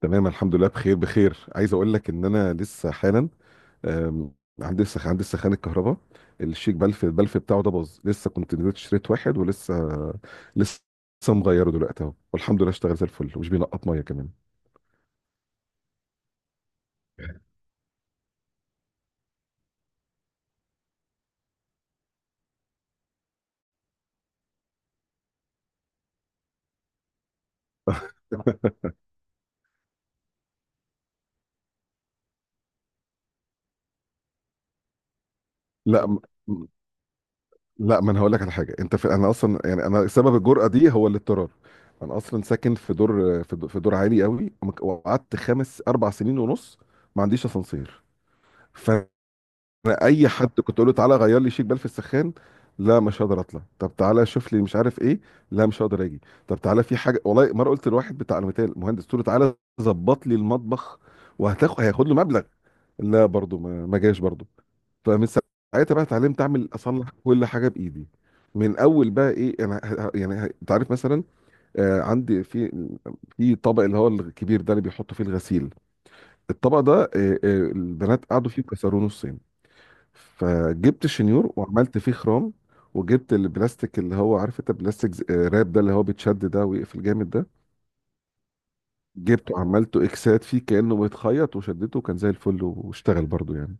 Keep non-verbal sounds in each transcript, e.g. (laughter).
تمام، الحمد لله، بخير بخير. عايز اقول لك ان انا لسه حالا آم، عندي سخان الكهرباء، الشيك بلف بتاعه ده باظ. لسه كنت نزلت اشتريت واحد، ولسه لسه مغيره دلوقتي اهو، والحمد لله اشتغل زي الفل ومش بينقط ميه كمان. (laughs) لا م- لا، ما انا هقول لك على حاجه. انت في انا اصلا، يعني انا سبب الجرأه دي هو الاضطرار. انا اصلا ساكن في دور في دور عالي قوي، وقعدت 4 سنين ونص ما عنديش اسانسير. انا اي حد كنت اقول له تعالى غير لي شيك بال في السخان: لا، مش هقدر اطلع. طب تعالى شوف لي مش عارف ايه: لا، مش هقدر اجي. طب تعالى في حاجه، والله مره قلت لواحد بتاع المثال مهندس، قلت له تعالى ظبط لي المطبخ هياخد له مبلغ، لا برضه ما جاش برضه. فمن ساعتها بقى اتعلمت اعمل اصلح كل حاجه بايدي. من اول بقى ايه، انا انت عارف مثلا آه، عندي في طبق، اللي هو الكبير ده اللي بيحطوا فيه الغسيل، الطبق ده آه آه، البنات قعدوا فيه كسروه نصين. فجبت شنيور وعملت فيه خرام، وجبت البلاستيك اللي هو عارف انت بلاستيك راب ده، اللي هو بيتشد ده ويقفل جامد ده، جبته وعملته اكسات فيه كأنه بيتخيط، وشدته وكان زي الفل واشتغل برضو يعني.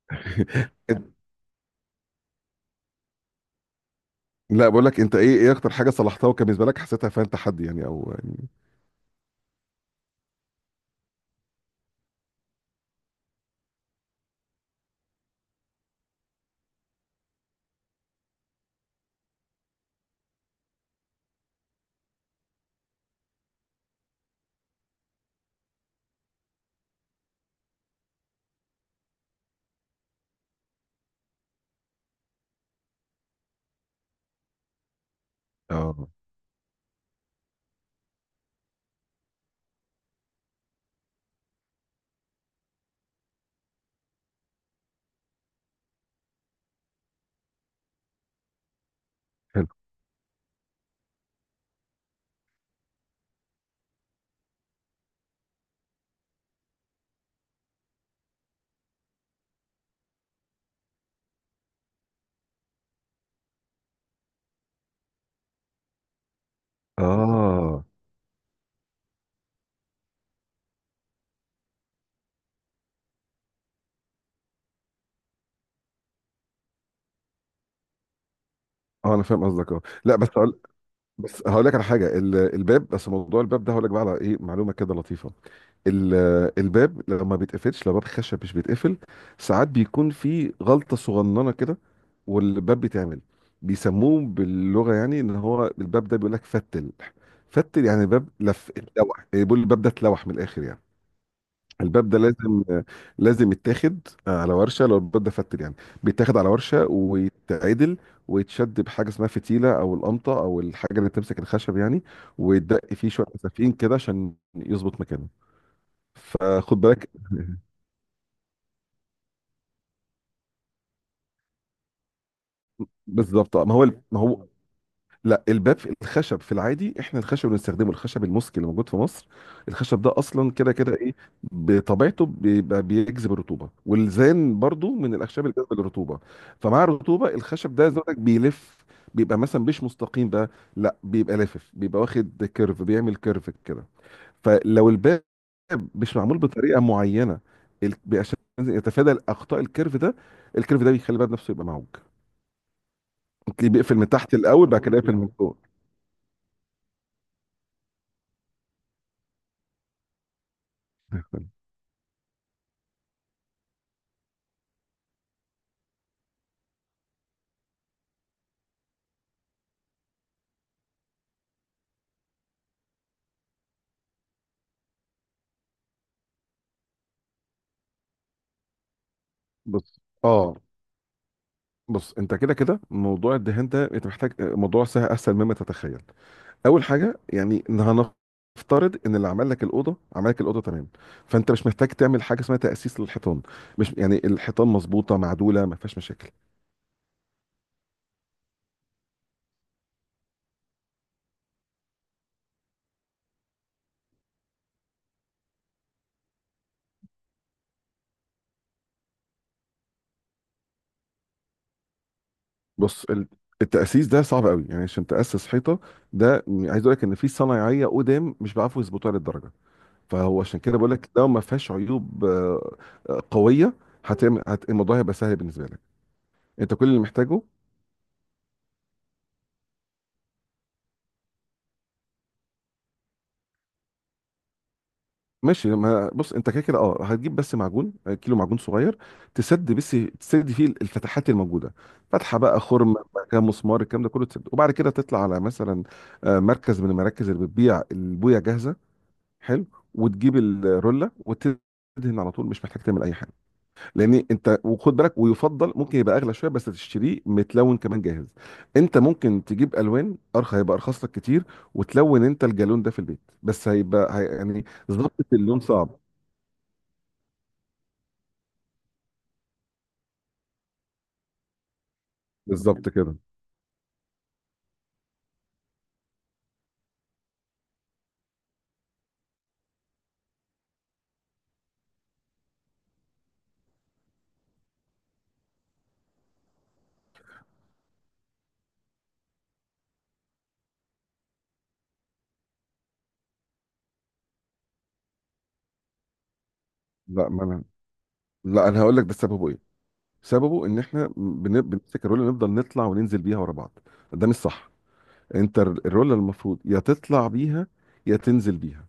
(laughs) لا، بقول لك انت، ايه اكتر حاجه صلحتها وكان بالنسبه لك حسيتها فيها تحدي، يعني او يعني. اه. حلو. اه، اه، انا فاهم قصدك. اه لا، بس هقول لك على حاجه. الباب، بس موضوع الباب ده هقول لك بقى على ايه معلومه كده لطيفه. ال- الباب لما بيتقفلش، لو باب خشب مش بيتقفل، ساعات بيكون في غلطة صغننة كده، والباب بيتعمل بيسموه باللغة، يعني ان هو الباب ده بيقول لك فتل. فتل يعني الباب لف، اتلوح، بيقول الباب ده اتلوح من الاخر يعني. الباب ده لازم يتاخد على ورشة، لو الباب ده فتل يعني بيتاخد على ورشة ويتعدل، ويتشد بحاجة اسمها فتيلة او القمطة، او الحاجة اللي بتمسك الخشب يعني، ويتدق فيه شوية مسافين كده عشان يظبط مكانه. فخد بالك، بالظبط. ما هو لا، الباب الخشب في العادي، احنا الخشب اللي بنستخدمه الخشب المسك اللي موجود في مصر، الخشب ده اصلا كده كده ايه بطبيعته بيبقى بيجذب الرطوبه، والزان برضو من الاخشاب اللي بتجذب الرطوبه. فمع الرطوبه الخشب ده زودك بيلف، بيبقى مثلا مش مستقيم بقى، لا بيبقى لافف، بيبقى واخد كيرف، بيعمل كيرف كده. فلو الباب مش معمول بطريقه معينه عشان يتفادى اخطاء الكيرف ده، الكيرف ده بيخلي الباب نفسه يبقى معوج، تلاقيه بيقفل من تحت الاول، بعد كده يقفل من فوق. بص اه، بص انت كده كده موضوع الدهان ده انت محتاج، موضوع سهل اسهل مما تتخيل. اول حاجه، يعني إن هنفترض ان اللي عمل لك الاوضه عمل لك الاوضه تمام، فانت مش محتاج تعمل حاجه اسمها تاسيس للحيطان، مش يعني الحيطان مظبوطه معدوله ما فيهاش مشاكل. بص، التاسيس ده صعب قوي يعني، عشان تاسس حيطه ده عايز اقول لك ان في صنايعيه قدام مش بيعرفوا يظبطوها للدرجه. فهو عشان كده بقول لك لو ما فيهاش عيوب قويه، هتعمل الموضوع هيبقى سهل بالنسبه لك. انت كل اللي محتاجه، ماشي ما بص، انت كده كده اه هتجيب بس معجون، كيلو معجون صغير، تسد بس، تسد فيه الفتحات الموجوده، فتحه بقى خرم بقى كده، مسمار، الكلام ده كله تسد، وبعد كده تطلع على مثلا مركز من المراكز اللي بتبيع البويه جاهزه. حلو. وتجيب الروله وتدهن على طول، مش محتاج تعمل اي حاجه، لان انت وخد بالك، ويفضل ممكن يبقى اغلى شويه بس تشتريه متلون كمان جاهز. انت ممكن تجيب الوان ارخص هيبقى ارخص لك كتير، وتلون انت الجالون ده في البيت، بس هيبقى هي يعني ظبط اللون صعب. بالظبط كده. لا ما انا لا، انا هقول لك ده سببه ايه. سببه ان احنا بنمسك الرولة نفضل نطلع وننزل بيها ورا بعض، ده مش صح. انت الرول المفروض يا تطلع بيها يا تنزل بيها،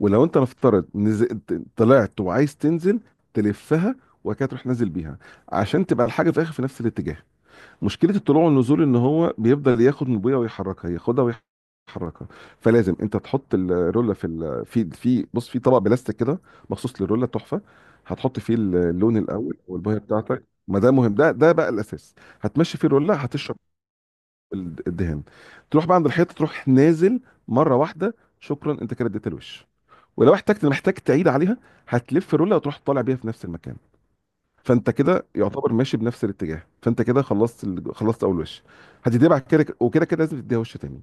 ولو انت نفترض طلعت وعايز تنزل تلفها، وبعد كده تروح نازل بيها، عشان تبقى الحاجه في الاخر في نفس الاتجاه. مشكله الطلوع والنزول ان هو بيفضل ياخد من ابويا ويحركها، ياخدها ويحركها. فلازم انت تحط الروله في ال... في في بص، في طبق بلاستيك كده مخصوص للروله تحفه، هتحط فيه اللون الاول والبويه بتاعتك، ما ده مهم، ده بقى الاساس، هتمشي فيه الروله، هتشرب الدهان، تروح بقى عند الحيطه تروح نازل مره واحده. شكرا، انت كده اديت الوش. ولو احتجت محتاج تعيد عليها، هتلف رولة وتروح طالع بيها في نفس المكان، فانت كده يعتبر ماشي بنفس الاتجاه. فانت كده خلصت خلصت اول وش، هتديها بعد كده، وكده كده لازم تديها وش تاني.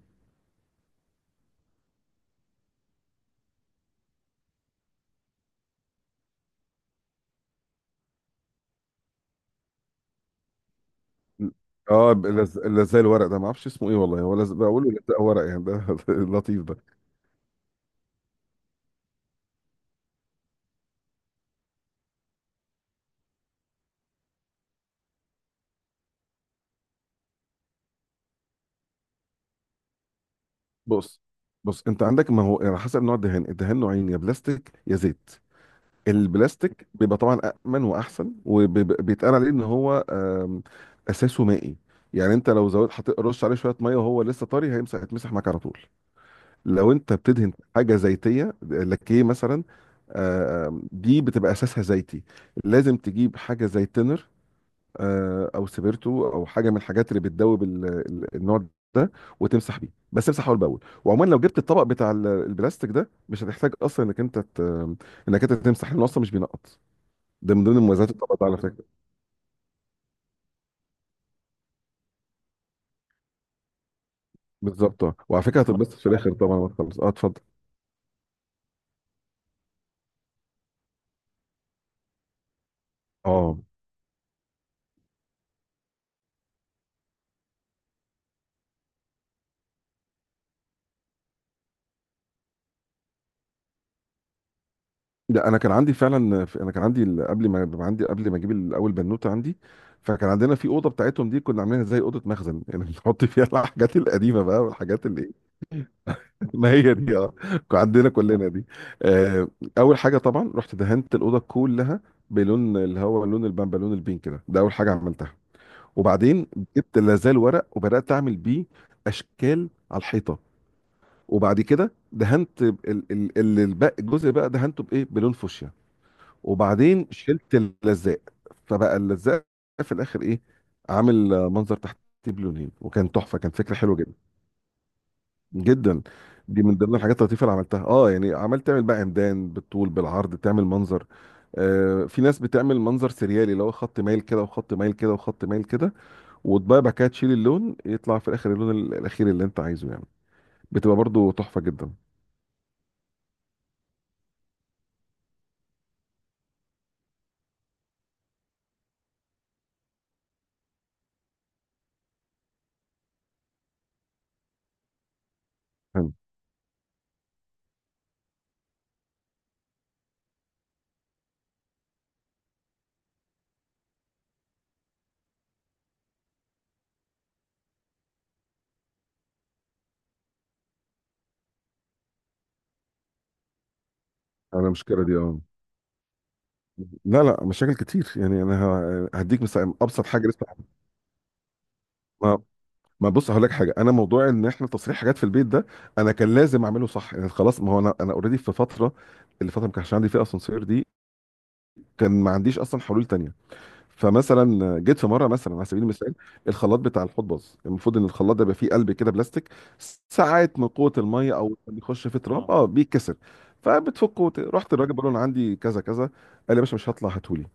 اه، لزق الورق ده ما اعرفش اسمه ايه والله، هو بقوله لزق ورق يعني، ده (laughs) لطيف ده. بص، بص انت عندك، ما هو على حسب نوع الدهان، الدهان نوعين: يا بلاستيك يا زيت. البلاستيك بيبقى طبعا امن واحسن، وبيتقال عليه ان هو اساسه مائي، يعني انت لو زودت حطيت رش عليه شويه ميه وهو لسه طري، هيتمسح معاك على طول. لو انت بتدهن حاجه زيتيه، لكيه مثلا، دي بتبقى اساسها زيتي، لازم تجيب حاجه زي تنر، او سبيرتو، او حاجه من الحاجات اللي بتدوب النوع ده، وتمسح بيه، بس امسح اول باول. وعموما لو جبت الطبق بتاع البلاستيك ده مش هتحتاج اصلا انك انت تمسح، لانه اصلا مش بينقط، ده من ضمن مميزات الطبق ده على فكره. بالظبط اه، وعلى فكره هتتبسط في الاخر طبعا لما تخلص اه. اتفضل. اه لا، انا كان عندي فعلا انا كان عندي قبل ما اجيب الاول بنوته عندي، فكان عندنا في اوضه بتاعتهم دي، كنا عاملينها زي اوضه مخزن، (laughs) يعني بنحط فيها الحاجات القديمه بقى والحاجات اللي... (laughs) ما هي دي اه، كان عندنا كلنا دي آه. اول حاجه طبعا رحت دهنت الاوضه كلها بلون اللي هو لون البامبا، لون البينك ده، ده اول حاجه عملتها. وبعدين جبت لازال ورق، وبدات اعمل بيه اشكال على الحيطه، وبعد كده دهنت الباقي، الجزء بقى دهنته بايه، بلون فوشيا. وبعدين شلت اللزاق، فبقى اللزاق في الاخر ايه، عامل منظر تحتي بلونين، وكان تحفه، كان فكره حلوه جدا جدا. دي من ضمن الحاجات اللطيفه اللي عملتها اه، يعني تعمل بقى عمدان بالطول بالعرض، تعمل منظر. آه في ناس بتعمل منظر سريالي، اللي هو خط مايل كده وخط مايل كده وخط مايل كده، وتبقى بعد كده تشيل اللون، يطلع في الاخر اللون الاخير اللي انت عايزه يعني، بتبقى برضو تحفه جدا. انا المشكله دي اه، لا لا، مشاكل كتير يعني انا هديك مثال ابسط حاجه لسه. ما ما بص، هقول لك حاجه، انا موضوع ان احنا تصريح حاجات في البيت ده انا كان لازم اعمله صح يعني، خلاص ما هو انا اوريدي في فتره، اللي فتره ما كانش عندي فيها اسانسير دي كان ما عنديش اصلا حلول تانية. فمثلا جيت في مره، مثلا على سبيل المثال، الخلاط بتاع الحوض باظ، المفروض ان الخلاط ده يبقى فيه قلب كده بلاستيك، ساعات من قوه الميه او بيخش في تراب اه بيتكسر. رحت الراجل بقول له انا عندي كذا كذا، قال لي يا باشا مش هطلع هاتهولي.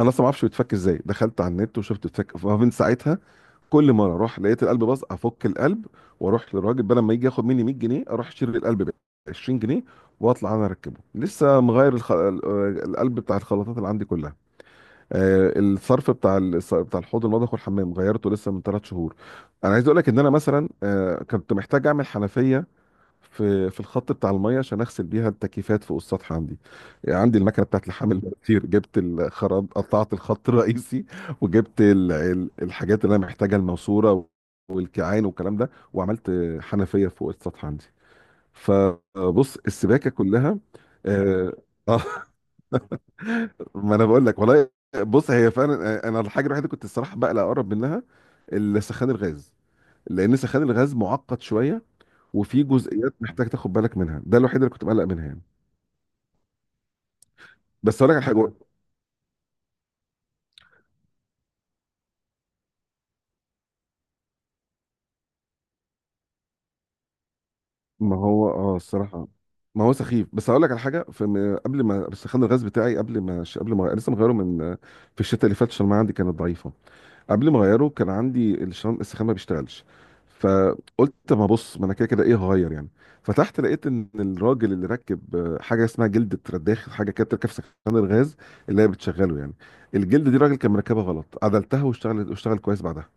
انا اصلا ما اعرفش بيتفك ازاي، دخلت على النت وشفت بيتفك، فمن ساعتها كل مره اروح لقيت القلب باظ افك القلب، واروح للراجل، بدل ما يجي ياخد مني 100 جنيه اروح اشتري القلب ب 20 جنيه واطلع انا اركبه. لسه مغير الخ... ال- آه، القلب بتاع الخلاطات اللي عندي كلها. الصرف بتاع بتاع الحوض المطبخ والحمام غيرته لسه من 3 شهور. انا عايز اقول لك ان انا مثلا كنت محتاج اعمل حنفيه في الخط بتاع الميه عشان اغسل بيها التكييفات فوق السطح عندي، يعني عندي المكنه بتاعت لحام المواتير، جبت الخراب قطعت الخط الرئيسي، وجبت الحاجات اللي انا محتاجها: الماسوره والكيعان والكلام ده، وعملت حنفيه فوق السطح عندي. فبص، السباكه كلها. اه آه، (laughs) ما انا بقول لك والله. بص، هي فعلا انا الحاجه الوحيده كنت الصراحه بقلق اقرب منها السخان الغاز، لان سخان الغاز معقد شويه، وفي جزئيات محتاج تاخد بالك منها، ده الوحيد اللي كنت مقلق منها يعني. بس اقول لك على حاجه، ما هو اه الصراحه ما هو سخيف. بس اقول لك على حاجه، في م- قبل ما بس خان الغاز بتاعي قبل ما لسه مغيره من في الشتاء اللي فات، عشان ما عندي كانت ضعيفه. قبل ما اغيره كان عندي الشان السخان ما بيشتغلش، فقلت طب ما بص، ما انا كده كده ايه هغير يعني. فتحت لقيت ان الراجل اللي ركب حاجه اسمها جلده رداخ، حاجه كده بتركب في سخان الغاز، اللي هي بتشغله يعني، الجلد دي الراجل كان مركبها غلط، عدلتها واشتغلت، واشتغل كويس بعدها.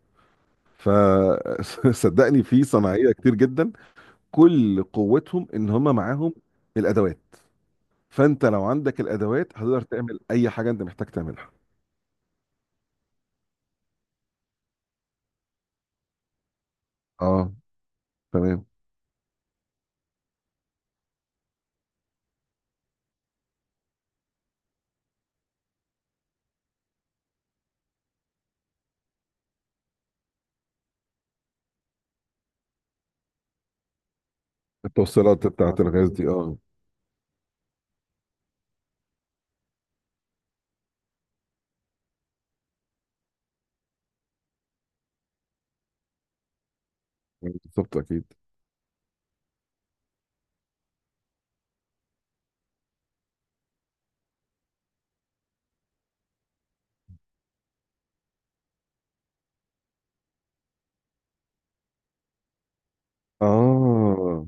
فصدقني (laughs) في صناعيه كتير جدا، كل قوتهم ان هم معاهم الادوات، فانت لو عندك الادوات هتقدر تعمل اي حاجه انت محتاج تعملها. اه تمام. التوصيلات بتاعت الغاز دي اه، بالظبط اكيد. اه،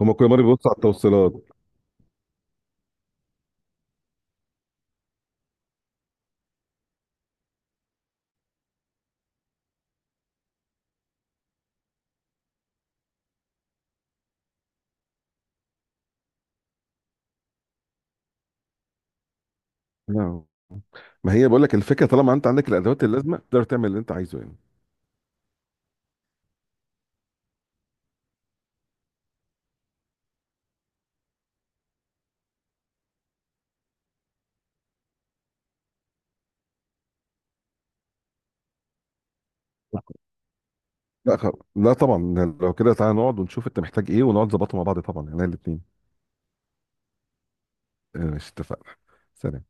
هما كل مره بيبصوا على التوصيلات. نعم، ما هي بقول لك الفكره، طالما انت عندك الادوات اللازمه تقدر تعمل اللي انت عايزه يعني. لا خ... لا طبعا، لو كده تعالى نقعد ونشوف انت محتاج ايه، ونقعد نظبطه مع بعض طبعا يعني الاثنين. ماشي، اتفقنا. سلام.